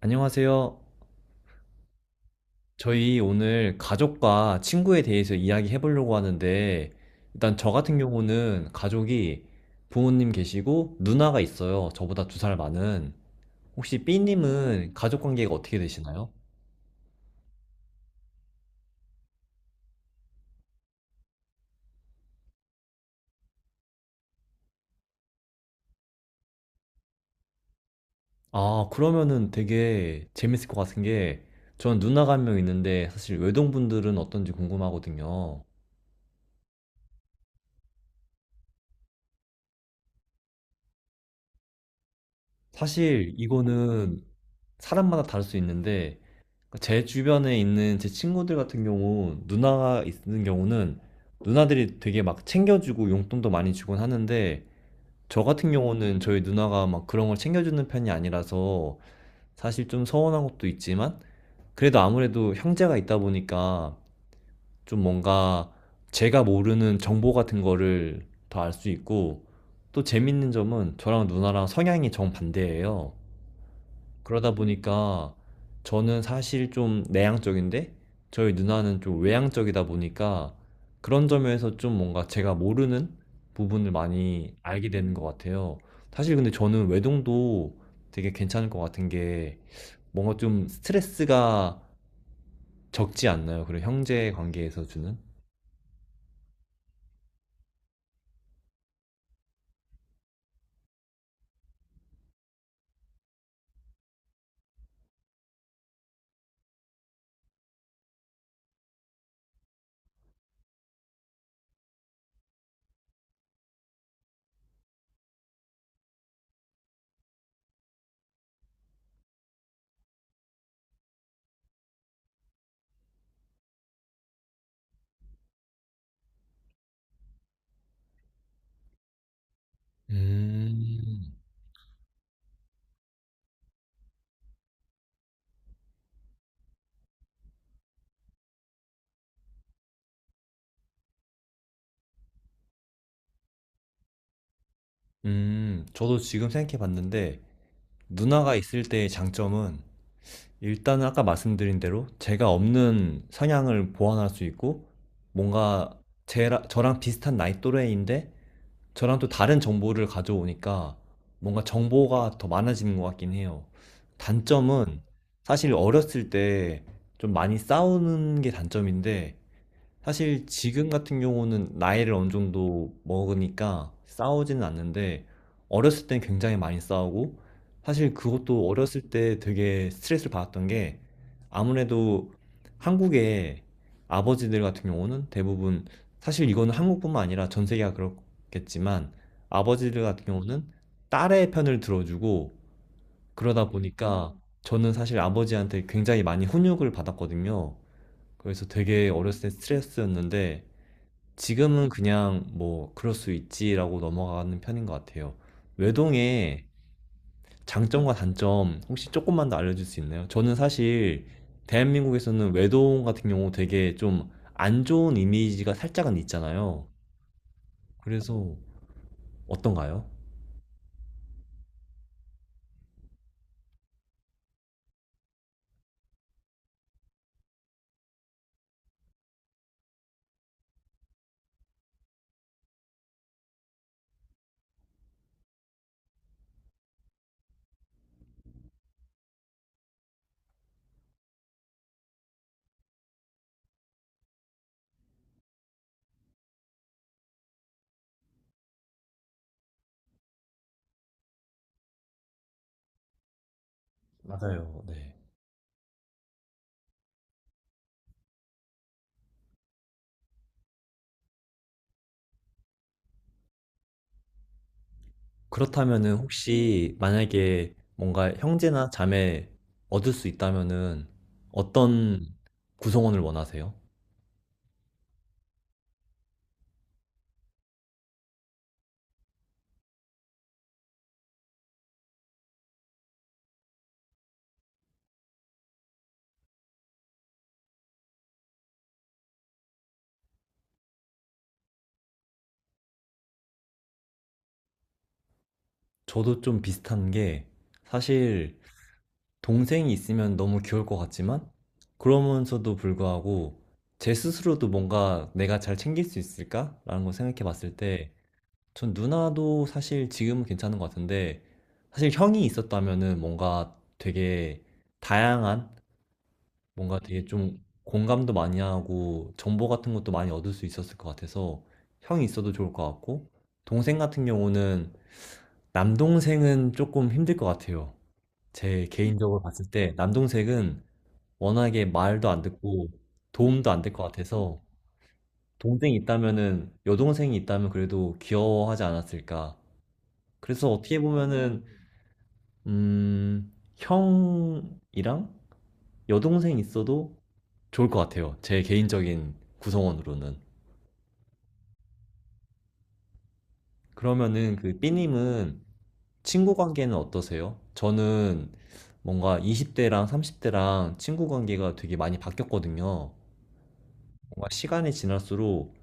안녕하세요. 저희 오늘 가족과 친구에 대해서 이야기해 보려고 하는데, 일단 저 같은 경우는 가족이 부모님 계시고 누나가 있어요. 저보다 2살 많은. 혹시 B님은 가족 관계가 어떻게 되시나요? 아, 그러면은 되게 재밌을 것 같은 게, 전 누나가 한 명 있는데, 사실 외동분들은 어떤지 궁금하거든요. 사실 이거는 사람마다 다를 수 있는데, 제 주변에 있는 제 친구들 같은 경우 누나가 있는 경우는 누나들이 되게 막 챙겨주고 용돈도 많이 주곤 하는데, 저 같은 경우는 저희 누나가 막 그런 걸 챙겨주는 편이 아니라서 사실 좀 서운한 것도 있지만, 그래도 아무래도 형제가 있다 보니까 좀 뭔가 제가 모르는 정보 같은 거를 더 알 수 있고, 또 재밌는 점은 저랑 누나랑 성향이 정반대예요. 그러다 보니까 저는 사실 좀 내향적인데 저희 누나는 좀 외향적이다 보니까, 그런 점에서 좀 뭔가 제가 모르는 부분을 많이 알게 되는 것 같아요. 사실 근데 저는 외동도 되게 괜찮을 것 같은 게, 뭔가 좀 스트레스가 적지 않나요? 그리고 형제 관계에서 주는? 음, 저도 지금 생각해 봤는데, 누나가 있을 때의 장점은 일단은 아까 말씀드린 대로 제가 없는 성향을 보완할 수 있고, 뭔가 제 저랑 비슷한 나이 또래인데 저랑 또 다른 정보를 가져오니까 뭔가 정보가 더 많아지는 것 같긴 해요. 단점은 사실 어렸을 때 좀 많이 싸우는 게 단점인데, 사실 지금 같은 경우는 나이를 어느 정도 먹으니까 싸우지는 않는데 어렸을 땐 굉장히 많이 싸우고, 사실 그것도 어렸을 때 되게 스트레스를 받았던 게, 아무래도 한국의 아버지들 같은 경우는 대부분, 사실 이거는 한국뿐만 아니라 전 세계가 그렇겠지만, 아버지들 같은 경우는 딸의 편을 들어주고, 그러다 보니까 저는 사실 아버지한테 굉장히 많이 훈육을 받았거든요. 그래서 되게 어렸을 때 스트레스였는데, 지금은 그냥 뭐 그럴 수 있지라고 넘어가는 편인 것 같아요. 외동의 장점과 단점 혹시 조금만 더 알려줄 수 있나요? 저는 사실 대한민국에서는 외동 같은 경우 되게 좀 안 좋은 이미지가 살짝은 있잖아요. 그래서 어떤가요? 맞아요. 네. 그렇다면은 혹시 만약에 뭔가 형제나 자매 얻을 수 있다면은 어떤 구성원을 원하세요? 저도 좀 비슷한 게, 사실 동생이 있으면 너무 귀여울 것 같지만 그러면서도 불구하고 제 스스로도 뭔가 내가 잘 챙길 수 있을까라는 걸 생각해 봤을 때 전 누나도 사실 지금은 괜찮은 것 같은데, 사실 형이 있었다면은 다양한 뭔가 되게 좀 공감도 많이 하고 정보 같은 것도 많이 얻을 수 있었을 것 같아서 형이 있어도 좋을 것 같고, 동생 같은 경우는 남동생은 조금 힘들 것 같아요. 제 개인적으로 봤을 때 남동생은 워낙에 말도 안 듣고 도움도 안 될 것 같아서, 동생이 있다면은 여동생이 있다면 그래도 귀여워하지 않았을까. 그래서 어떻게 보면은 음, 형이랑 여동생 있어도 좋을 것 같아요. 제 개인적인 구성원으로는. 그러면은 그 삐님은 친구 관계는 어떠세요? 저는 뭔가 20대랑 30대랑 친구 관계가 되게 많이 바뀌었거든요. 뭔가 시간이 지날수록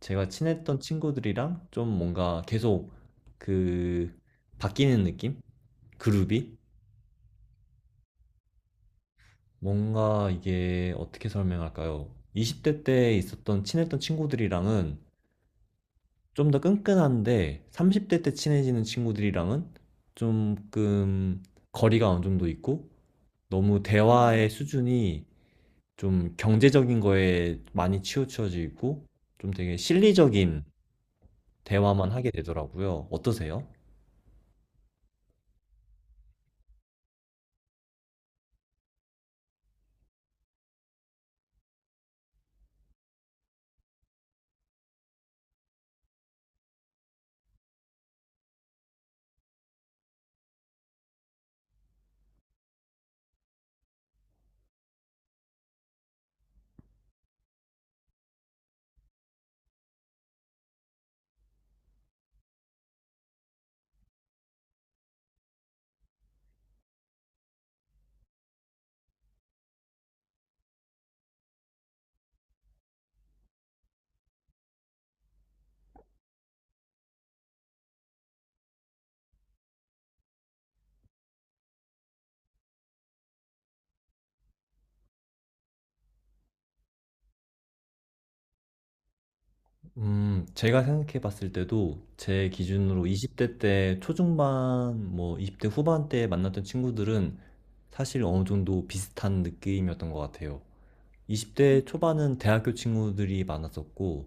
제가 친했던 친구들이랑 좀 뭔가 계속 그 바뀌는 느낌? 그룹이? 뭔가 이게 어떻게 설명할까요? 20대 때 있었던 친했던 친구들이랑은 좀 더 끈끈한데 30대 때 친해지는 친구들이랑은 조금 거리가 어느 정도 있고, 너무 대화의 수준이 좀 경제적인 거에 많이 치우쳐지고 좀 되게 실리적인 대화만 하게 되더라고요. 어떠세요? 제가 생각해 봤을 때도 제 기준으로 20대 때 초중반, 뭐 20대 후반 때 만났던 친구들은 사실 어느 정도 비슷한 느낌이었던 것 같아요. 20대 초반은 대학교 친구들이 많았었고,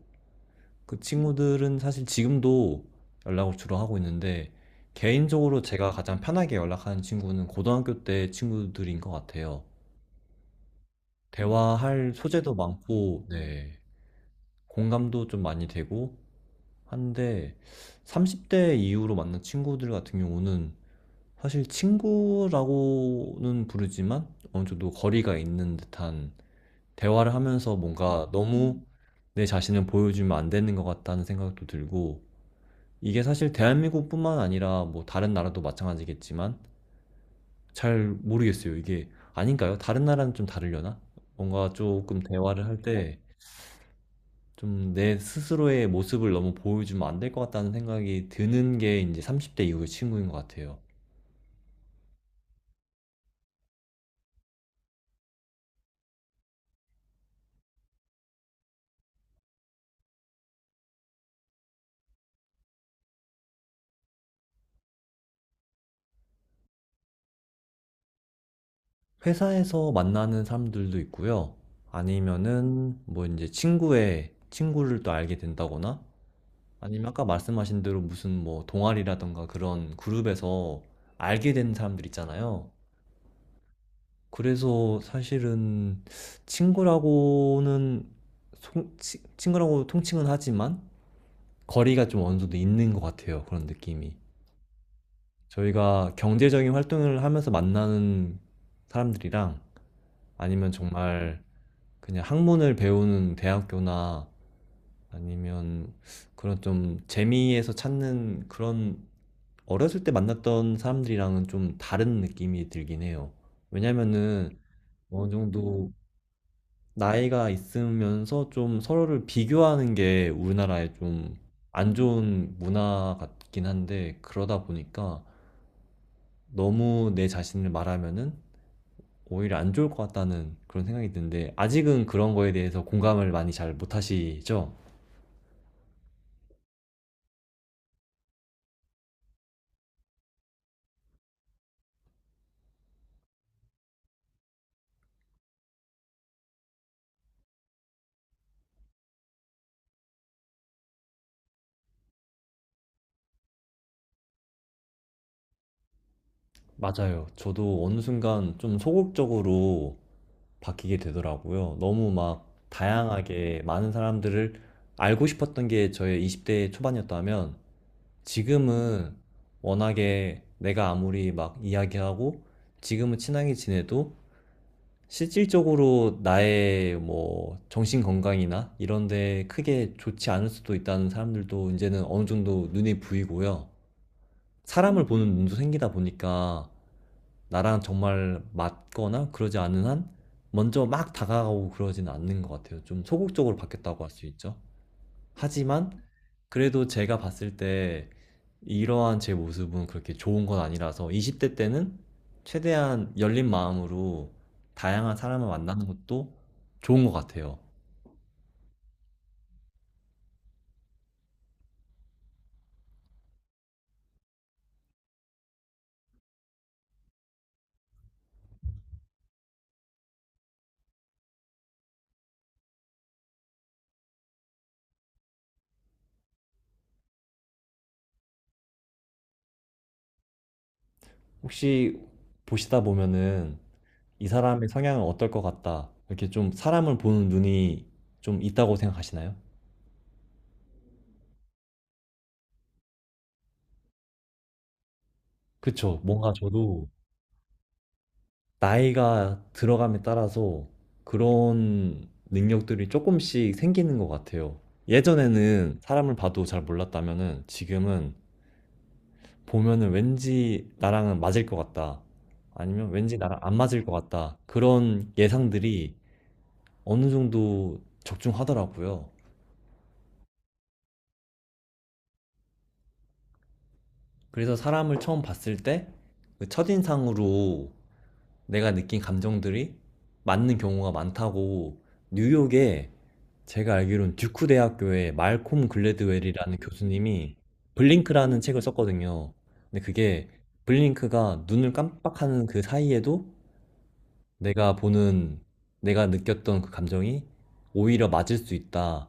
그 친구들은 사실 지금도 연락을 주로 하고 있는데, 개인적으로 제가 가장 편하게 연락하는 친구는 고등학교 때 친구들인 것 같아요. 대화할 소재도 많고, 네, 공감도 좀 많이 되고, 한데 30대 이후로 만난 친구들 같은 경우는 사실 친구라고는 부르지만 어느 정도 거리가 있는 듯한 대화를 하면서, 뭔가 너무 내 자신을 보여주면 안 되는 것 같다는 생각도 들고, 이게 사실 대한민국뿐만 아니라 뭐 다른 나라도 마찬가지겠지만 잘 모르겠어요. 이게 아닌가요? 다른 나라는 좀 다르려나? 뭔가 조금 대화를 할 때 좀 내 스스로의 모습을 너무 보여주면 안 될 것 같다는 생각이 드는 게 이제30대 이후의 친구인 것 같아요. 회사에서 만나는 사람들도 있고요. 아니면은 뭐 이제 친구의 친구를 또 알게 된다거나, 아니면 아까 말씀하신 대로 무슨 뭐 동아리라든가 그런 그룹에서 알게 된 사람들 있잖아요. 그래서 사실은 친구라고는, 송 치 친구라고 통칭은 하지만 거리가 좀 어느 정도 있는 것 같아요, 그런 느낌이. 저희가 경제적인 활동을 하면서 만나는 사람들이랑, 아니면 정말 그냥 학문을 배우는 대학교나 아니면 그런 좀 재미에서 찾는, 그런 어렸을 때 만났던 사람들이랑은 좀 다른 느낌이 들긴 해요. 왜냐면은 어느 정도 나이가 있으면서 좀 서로를 비교하는 게 우리나라의 좀 안 좋은 문화 같긴 한데, 그러다 보니까 너무 내 자신을 말하면은 오히려 안 좋을 것 같다는 그런 생각이 드는데, 아직은 그런 거에 대해서 공감을 많이 잘 못 하시죠? 맞아요. 저도 어느 순간 좀 소극적으로 바뀌게 되더라고요. 너무 막 다양하게 많은 사람들을 알고 싶었던 게 저의 20대 초반이었다면, 지금은 워낙에 내가 아무리 막 이야기하고 지금은 친하게 지내도 실질적으로 나의 뭐 정신 건강이나 이런 데 크게 좋지 않을 수도 있다는 사람들도 이제는 어느 정도 눈에 보이고요. 사람을 보는 눈도 생기다 보니까 나랑 정말 맞거나 그러지 않은 한 먼저 막 다가가고 그러지는 않는 것 같아요. 좀 소극적으로 바뀌었다고 할 수 있죠. 하지만 그래도 제가 봤을 때 이러한 제 모습은 그렇게 좋은 건 아니라서, 20대 때는 최대한 열린 마음으로 다양한 사람을 만나는 것도 좋은 것 같아요. 혹시 보시다 보면은 이 사람의 성향은 어떨 것 같다, 이렇게 좀 사람을 보는 눈이 좀 있다고 생각하시나요? 그쵸. 뭔가 저도 나이가 들어감에 따라서 그런 능력들이 조금씩 생기는 것 같아요. 예전에는 사람을 봐도 잘 몰랐다면은 지금은 보면은 왠지 나랑은 맞을 것 같다, 아니면 왠지 나랑 안 맞을 것 같다, 그런 예상들이 어느 정도 적중하더라고요. 그래서 사람을 처음 봤을 때 그 첫인상으로 내가 느낀 감정들이 맞는 경우가 많다고, 뉴욕에, 제가 알기로는 듀크 대학교의 말콤 글래드웰이라는 교수님이 블링크라는 책을 썼거든요. 근데 그게, 블링크가 눈을 깜빡하는 그 사이에도 내가 보는 내가 느꼈던 그 감정이 오히려 맞을 수 있다,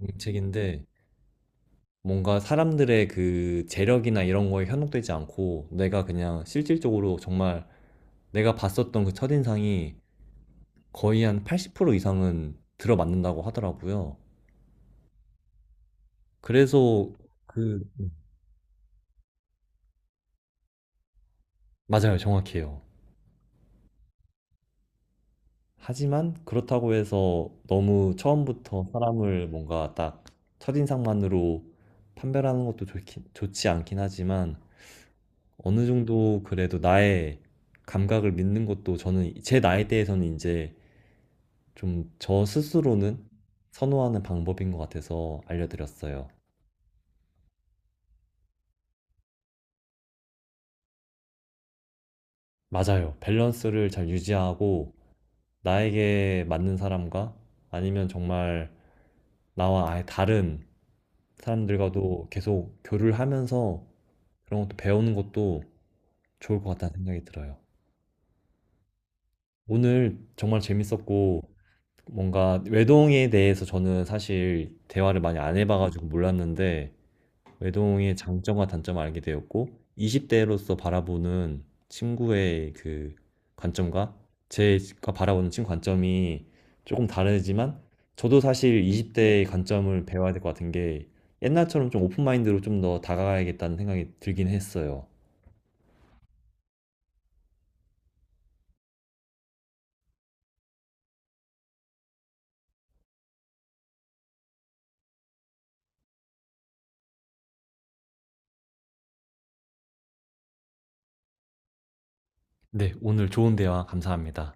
이 책인데, 뭔가 사람들의 그 재력이나 이런 거에 현혹되지 않고 내가 그냥 실질적으로 정말 내가 봤었던 그 첫인상이 거의 한 80% 이상은 들어맞는다고 하더라고요. 그래서 그, 맞아요. 정확해요. 하지만 그렇다고 해서 너무 처음부터 사람을 뭔가 딱 첫인상만으로 판별하는 것도 좋지 않긴 하지만, 어느 정도 그래도 나의 감각을 믿는 것도 저는 제 나이대에서는 이제 좀 저 스스로는 선호하는 방법인 것 같아서 알려드렸어요. 맞아요. 밸런스를 잘 유지하고 나에게 맞는 사람과, 아니면 정말 나와 아예 다른 사람들과도 계속 교류를 하면서 그런 것도 배우는 것도 좋을 것 같다는 생각이 들어요. 오늘 정말 재밌었고, 뭔가 외동에 대해서 저는 사실 대화를 많이 안 해봐가지고 몰랐는데 외동의 장점과 단점을 알게 되었고, 20대로서 바라보는 친구의 그 관점과 제가 바라보는 친구 관점이 조금 다르지만, 저도 사실 20대의 관점을 배워야 될 것 같은 게, 옛날처럼 좀 오픈마인드로 좀 더 다가가야겠다는 생각이 들긴 했어요. 네, 오늘 좋은 대화 감사합니다.